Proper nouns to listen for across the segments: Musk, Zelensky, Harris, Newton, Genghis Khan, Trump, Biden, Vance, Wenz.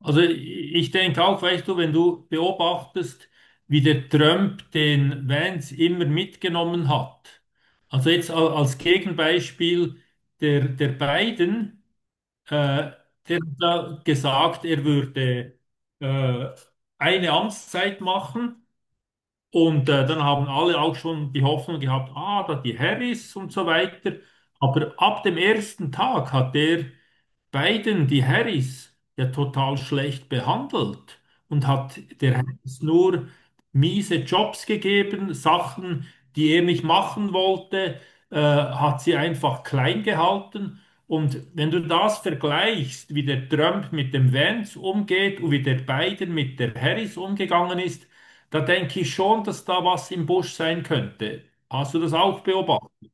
Also ich denke auch, weißt du, wenn du beobachtest, wie der Trump den Vance immer mitgenommen hat. Also jetzt als Gegenbeispiel der Biden, äh, der hat da gesagt, er würde äh, eine Amtszeit machen und dann haben alle auch schon die Hoffnung gehabt, ah, da die Harris und so weiter. Aber ab dem ersten Tag hat der Biden die Harris ja total schlecht behandelt und hat der Harris nur miese Jobs gegeben, Sachen, die er nicht machen wollte, hat sie einfach klein gehalten. Und wenn du das vergleichst, wie der Trump mit dem Vance umgeht und wie der Biden mit der Harris umgegangen ist, da denke ich schon, dass da was im Busch sein könnte. Hast du das auch beobachtet?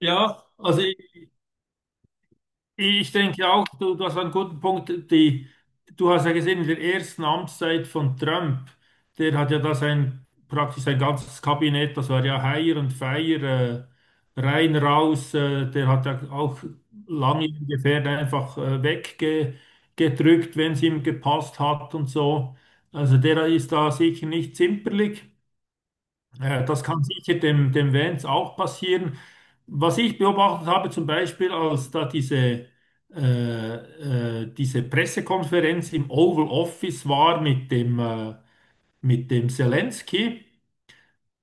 Ja, also ich denke auch, du hast einen guten Punkt. Du hast ja gesehen, in der ersten Amtszeit von Trump, der hat ja da sein, praktisch sein ganzes Kabinett, das war ja Hire und Fire, rein, raus, der hat ja auch lange ungefähr einfach weggedrückt, wenn es ihm gepasst hat und so. Also der ist da sicher nicht zimperlich. Das kann sicher dem Vance auch passieren. Was ich beobachtet habe, zum Beispiel, als da äh, diese Pressekonferenz im Oval Office war mit mit dem Zelensky,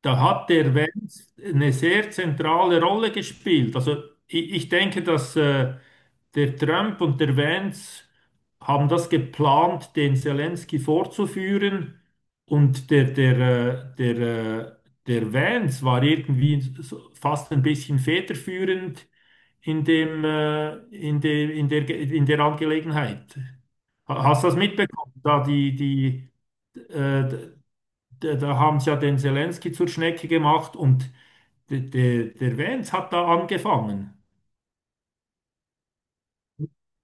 da hat der Wenz eine sehr zentrale Rolle gespielt. Also ich denke, dass der Trump und der Wenz haben das geplant, den Zelensky vorzuführen. Und äh, der, äh, der Wenz war irgendwie so fast ein bisschen federführend in dem, in dem, in der, Ge- in der Angelegenheit. Hast du das mitbekommen? Da die, die, äh, da, da haben sie ja den Zelensky zur Schnecke gemacht und der Vance hat da angefangen.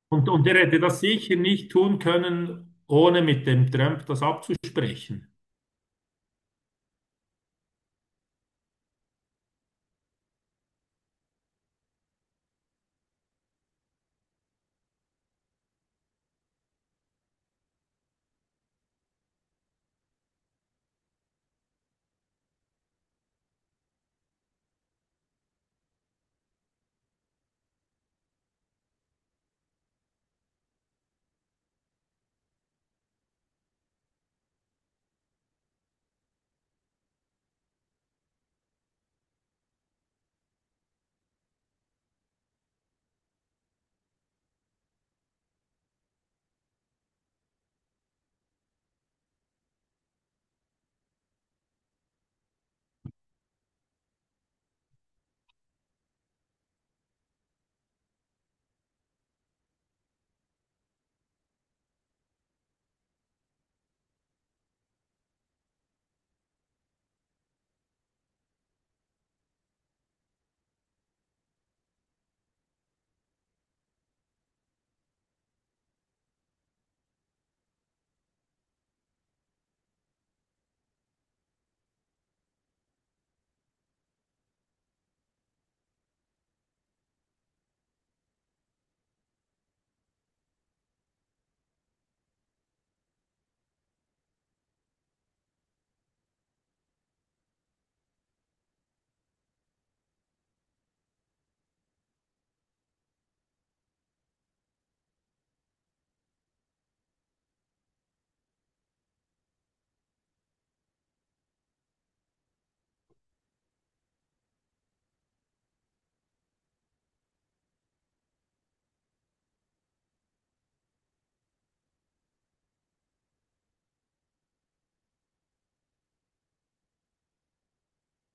Und er hätte das sicher nicht tun können, ohne mit dem Trump das abzusprechen.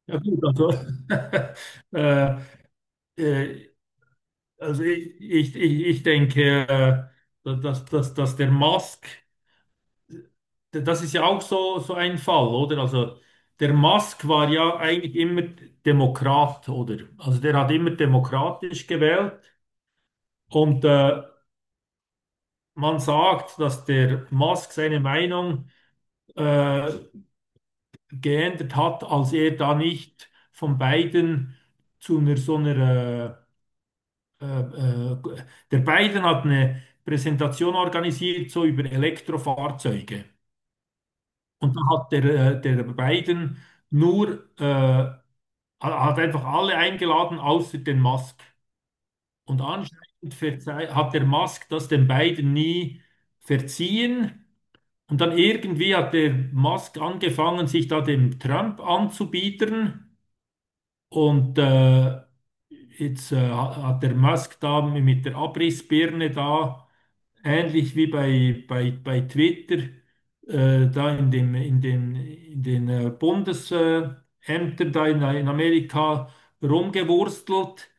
Ja gut, also, äh, äh, also ich denke, dass der Musk, das ist ja auch so, so ein Fall, oder? Also der Musk war ja eigentlich immer Demokrat, oder? Also der hat immer demokratisch gewählt. Und man sagt, dass der Musk seine Meinung äh, geändert hat, als er da nicht von Biden zu einer so einer äh, äh, äh, der Biden hat eine Präsentation organisiert, so über Elektrofahrzeuge. Und da hat der Biden nur hat einfach alle eingeladen, außer den Musk. Und anscheinend hat der Musk das den Biden nie verziehen. Und dann irgendwie hat der Musk angefangen, sich da dem Trump anzubiedern. Und jetzt hat der Musk da mit der Abrissbirne da, ähnlich wie bei, bei Twitter, da in in den Bundesämtern da in Amerika rumgewurstelt.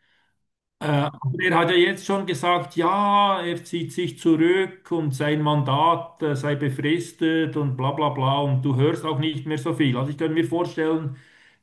Äh, aber er hat ja jetzt schon gesagt, ja, er zieht sich zurück und sein Mandat sei befristet und bla bla bla und du hörst auch nicht mehr so viel. Also ich könnte mir vorstellen,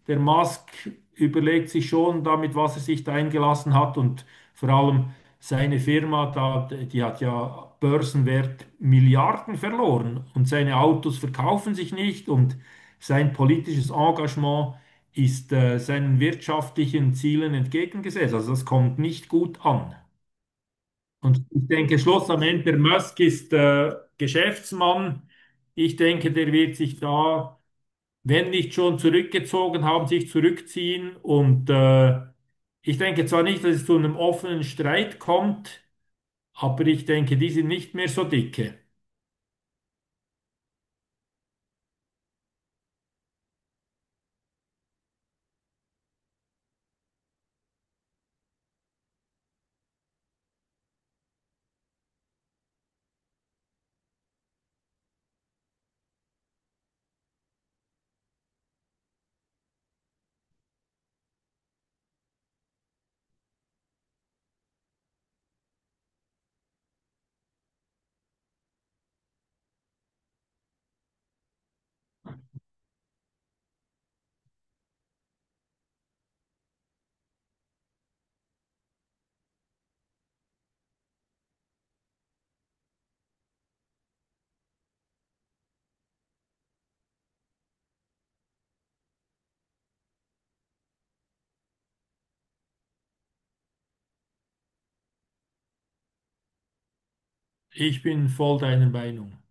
der Musk überlegt sich schon damit, was er sich da eingelassen hat und vor allem seine Firma, da, die hat ja Börsenwert Milliarden verloren und seine Autos verkaufen sich nicht und sein politisches Engagement ist seinen wirtschaftlichen Zielen entgegengesetzt. Also das kommt nicht gut an. Und ich denke, schlussendlich, der Musk ist Geschäftsmann. Ich denke, der wird sich da, wenn nicht schon zurückgezogen haben, sich zurückziehen. Und ich denke zwar nicht, dass es zu einem offenen Streit kommt, aber ich denke, die sind nicht mehr so dicke. Ich bin voll deiner Meinung.